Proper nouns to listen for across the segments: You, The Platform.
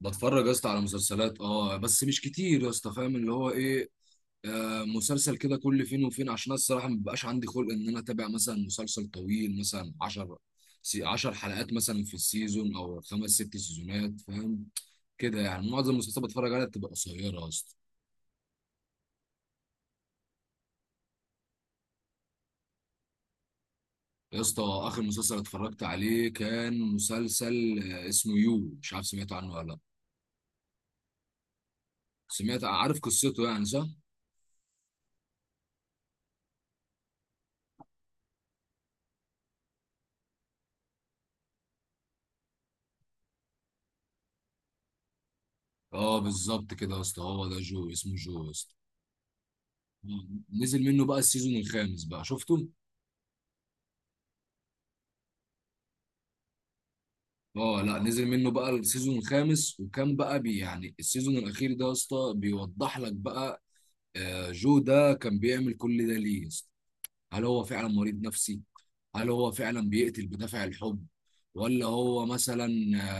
بتفرج يا اسطى على مسلسلات، اه، بس مش كتير يا اسطى. فاهم اللي هو ايه. آه، مسلسل كده كل فين وفين، عشان أنا الصراحه ما بيبقاش عندي خلق ان انا اتابع مثلا مسلسل طويل، مثلا 10 حلقات مثلا في السيزون او خمس ست سيزونات، فاهم كده. يعني معظم المسلسلات بتفرج عليها بتبقى قصيره يا اسطى. يا اسطى، اخر مسلسل اتفرجت عليه كان مسلسل اسمه يو. مش عارف سمعت عنه ولا لا. سمعت؟ عارف قصته يعني، صح؟ اه بالظبط كده يا اسطى، هو ده جو، اسمه جو يا اسطى. نزل منه بقى السيزون الخامس، بقى شفته؟ اه لا، نزل منه بقى السيزون الخامس، وكان بقى بي يعني السيزون الاخير ده يا اسطى بيوضح لك بقى، آه، جو ده كان بيعمل كل ده ليه يا اسطى. هل هو فعلا مريض نفسي؟ هل هو فعلا بيقتل بدافع الحب؟ ولا هو مثلا،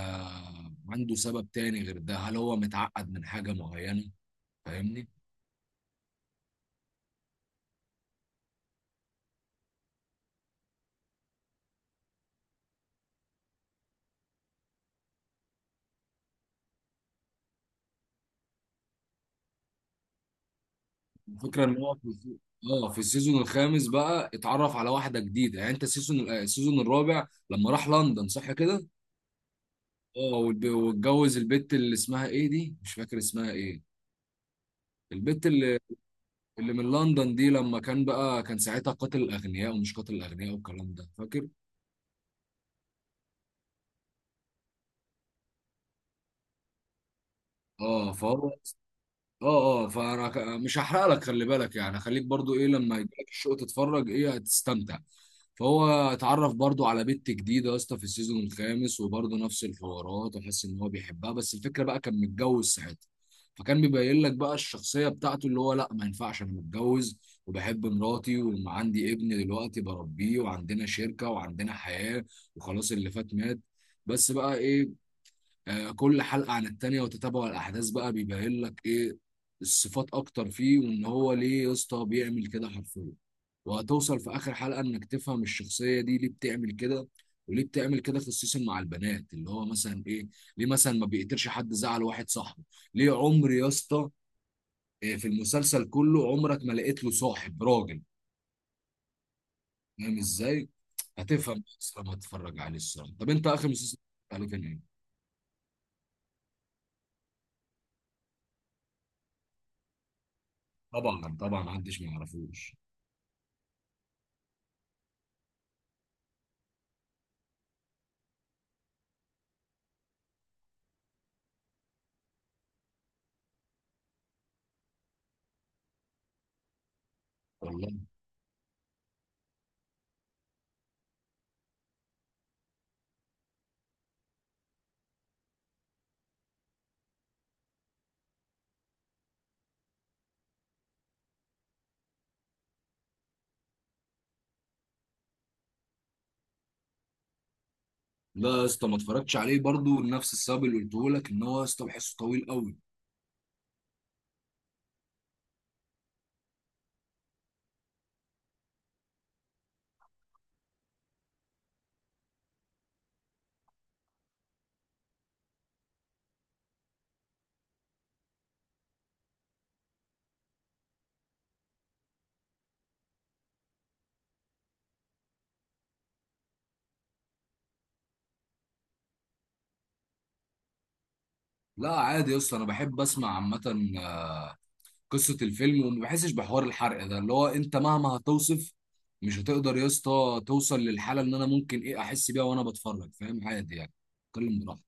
آه، عنده سبب تاني غير ده؟ هل هو متعقد من حاجة معينة؟ فاهمني. الفكرة ان هو في اه في السيزون الخامس بقى اتعرف على واحدة جديدة. يعني انت السيزون الرابع لما راح لندن، صح كده؟ اه واتجوز البت اللي اسمها ايه دي؟ مش فاكر اسمها ايه؟ البت اللي اللي من لندن دي، لما كان بقى كان ساعتها قاتل الاغنياء ومش قاتل الاغنياء والكلام ده، فاكر؟ اه فهو. اه اه فانا مش هحرق لك، خلي بالك يعني، خليك برضو ايه، لما يجيلك الشوق تتفرج ايه هتستمتع. فهو اتعرف برضو على بنت جديدة يا اسطى في السيزون الخامس، وبرضو نفس الحوارات، وحس ان هو بيحبها. بس الفكرة بقى كان متجوز ساعتها، فكان بيبين لك بقى الشخصية بتاعته اللي هو لا، ما ينفعش انا متجوز وبحب مراتي وعندي ابن دلوقتي بربيه وعندنا شركة وعندنا حياة. وخلاص، اللي فات مات. بس بقى ايه، آه، كل حلقة عن التانية، وتتابع الأحداث بقى بيبين لك إيه الصفات أكتر فيه، وإن هو ليه يا اسطى بيعمل كده حرفيا. وهتوصل في آخر حلقة إنك تفهم الشخصية دي ليه بتعمل كده، وليه بتعمل كده خصيصا مع البنات، اللي هو مثلا إيه، ليه مثلا ما بيقدرش حد زعل واحد صاحبه. ليه عمر يا اسطى، آه، في المسلسل كله عمرك ما لقيت له صاحب راجل. فاهم إزاي؟ هتفهم بس لما تتفرج عليه الصراحة. طب أنت، آخر مسلسل اتفرجت عليه كان إيه؟ طبعا طبعا محدش ما يعرفوش. والله. لا يا اسطى، ما اتفرجتش عليه برضو لنفس السبب اللي قلته لك، ان هو يا اسطى بحسه طويل قوي. لا عادي يا اسطى، انا بحب اسمع عامه قصه الفيلم، وما بحسش بحوار الحرق ده، اللي هو انت مهما هتوصف مش هتقدر يا اسطى توصل للحاله اللي انا ممكن ايه احس بيها وانا بتفرج. فاهم؟ عادي يعني، اتكلم براحتك.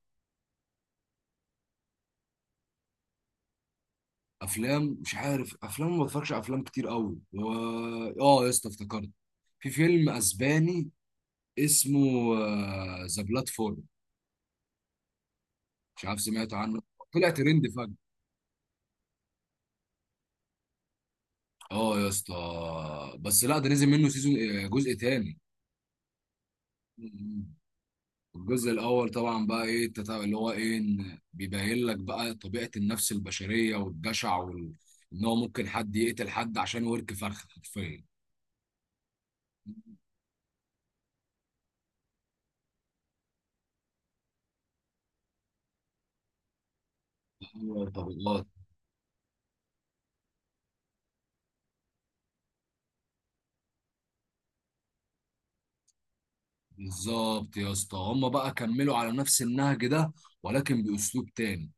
افلام، مش عارف، افلام ما بتفرجش على افلام كتير قوي و... اه يا اسطى افتكرت، في فيلم اسباني اسمه ذا بلاتفورم. مش عارف سمعت عنه. طلع ترند فجأة. اه يا اسطى، بس لا، ده نزل منه سيزون، آه، جزء تاني. مم. الجزء الاول طبعا بقى ايه اللي هو ايه إن بيبين لك بقى طبيعه النفس البشريه والجشع وال... ان هو ممكن حد يقتل حد عشان ورك فرخه حرفيا. أيوة، طبقات. بالظبط يا اسطى، هم بقى كملوا على نفس النهج ده ولكن باسلوب تاني.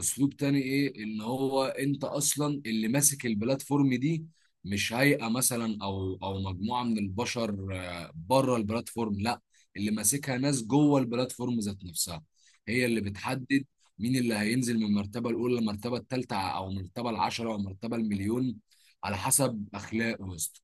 اسلوب تاني ايه، ان هو انت اصلا اللي ماسك البلاتفورم دي. مش هيئة مثلا او مجموعة من البشر، آه، بره البلاتفورم، لا. اللي ماسكها ناس جوه البلاتفورم ذات نفسها، هي اللي بتحدد مين اللي هينزل من المرتبة الأولى للمرتبة الثالثة أو المرتبة العشرة أو المرتبة المليون، على حسب أخلاقه يا اسطى.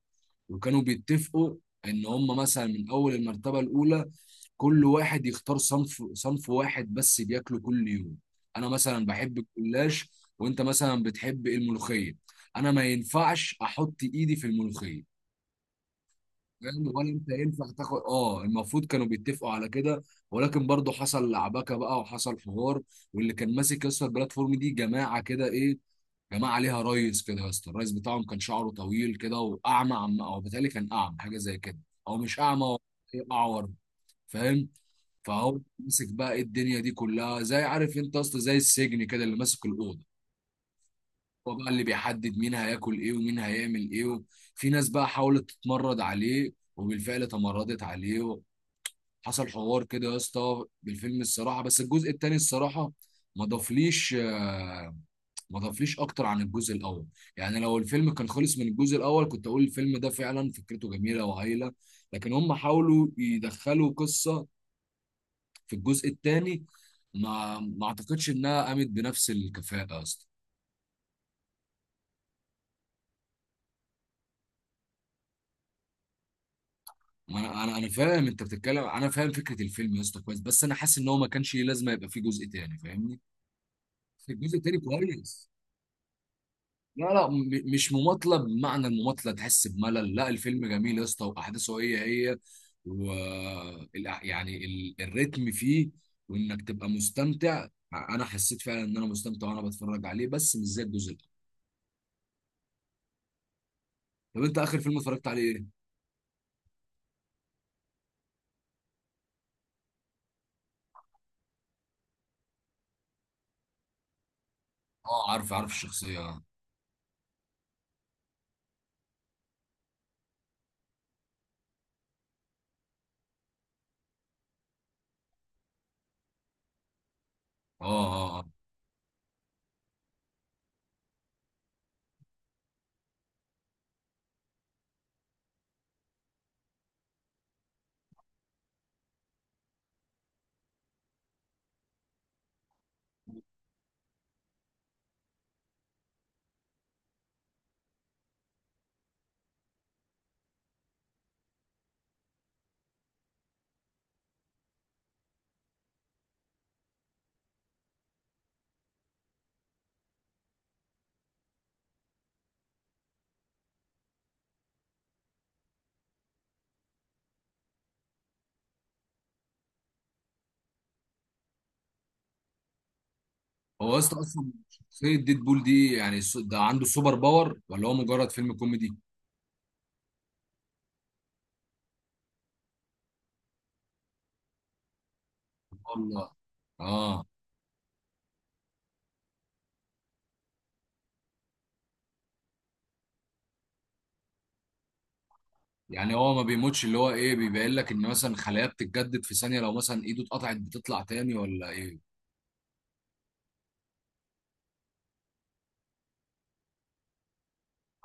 وكانوا بيتفقوا إن هم مثلا من أول المرتبة الأولى كل واحد يختار صنف واحد بس بياكله كل يوم. انا مثلا بحب الجلاش، وانت مثلا بتحب الملوخيه. انا ما ينفعش احط ايدي في الملوخيه، فاهم؟ ولا انت ينفع تاخد؟ اه، المفروض كانوا بيتفقوا على كده، ولكن برضه حصل لعبكه بقى وحصل حوار. واللي كان ماسك يا اسطى البلاتفورم دي جماعه كده ايه، جماعه عليها ريس كده يا اسطى. الريس بتاعهم كان شعره طويل كده، واعمى، عم او بيتهيألي كان اعمى حاجه زي كده. او مش اعمى هو، إيه، اعور، فاهم. فهو ماسك بقى إيه الدنيا دي كلها، زي عارف انت اصلا، زي السجن كده اللي ماسك الاوضه. هو بقى اللي بيحدد مين هياكل ايه ومين هيعمل ايه. في ناس بقى حاولت تتمرد عليه، وبالفعل تمردت عليه. حصل حوار كده يا اسطى بالفيلم الصراحه. بس الجزء التاني الصراحه ما ضافليش، آه، ما ضافليش اكتر عن الجزء الاول. يعني لو الفيلم كان خلص من الجزء الاول كنت اقول الفيلم ده فعلا فكرته جميله وهايله، لكن هم حاولوا يدخلوا قصه في الجزء الثاني ما اعتقدش انها قامت بنفس الكفاءه اصلا. ما انا فاهم انت بتتكلم. انا فاهم فكره الفيلم يا اسطى كويس، بس انا حاسس ان هو ما كانش ليه لازمه يبقى فيه جزء تاني، فاهمني. في الجزء التاني كويس. لا لا مش مماطله بمعنى المماطله تحس بملل، لا، الفيلم جميل يا اسطى واحداثه هي هي، و الريتم فيه، وانك تبقى مستمتع. انا حسيت فعلا ان انا مستمتع وانا بتفرج عليه، بس مش زي الجزء الاول. طب انت اخر فيلم اتفرجت عليه ايه؟ اه عارف عارف الشخصيه اه. اه اه. هو يا اسطى اصلا شخصيه ديدبول دي، يعني ده عنده سوبر باور ولا هو مجرد فيلم كوميدي؟ والله. اه، يعني هو ما بيموتش، اللي هو ايه، بيبين لك ان مثلا خلايا بتتجدد في ثانيه، لو مثلا ايده اتقطعت بتطلع تاني، ولا ايه؟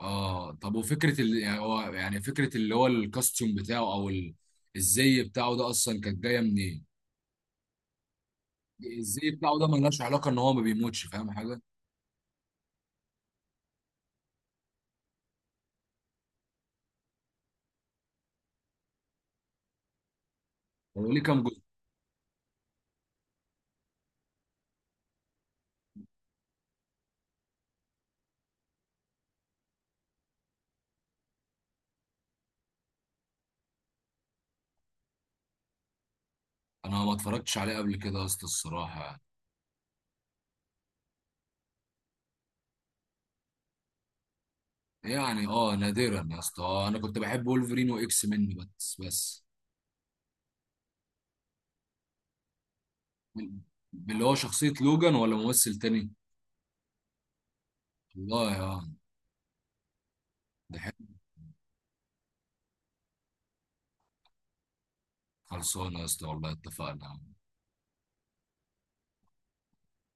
اه، طب وفكره ال... يعني هو يعني فكره اللي هو الكاستيوم بتاعه او ال... الزي بتاعه ده اصلا كانت جايه منين؟ الزي بتاعه ده ملهاش علاقه ان هو ما بيموتش، فاهم حاجه. هو ليه كام جزء؟ انا ما اتفرجتش عليه قبل كده يا اسطى الصراحه يعني. يعني اه نادرا يا اسطى، آه، انا كنت بحب وولفرين واكس من، بس بس. اللي هو شخصية لوجان ولا ممثل تاني؟ والله يا. ده حلو. خلصانه يا اسطى والله، اتفقنا.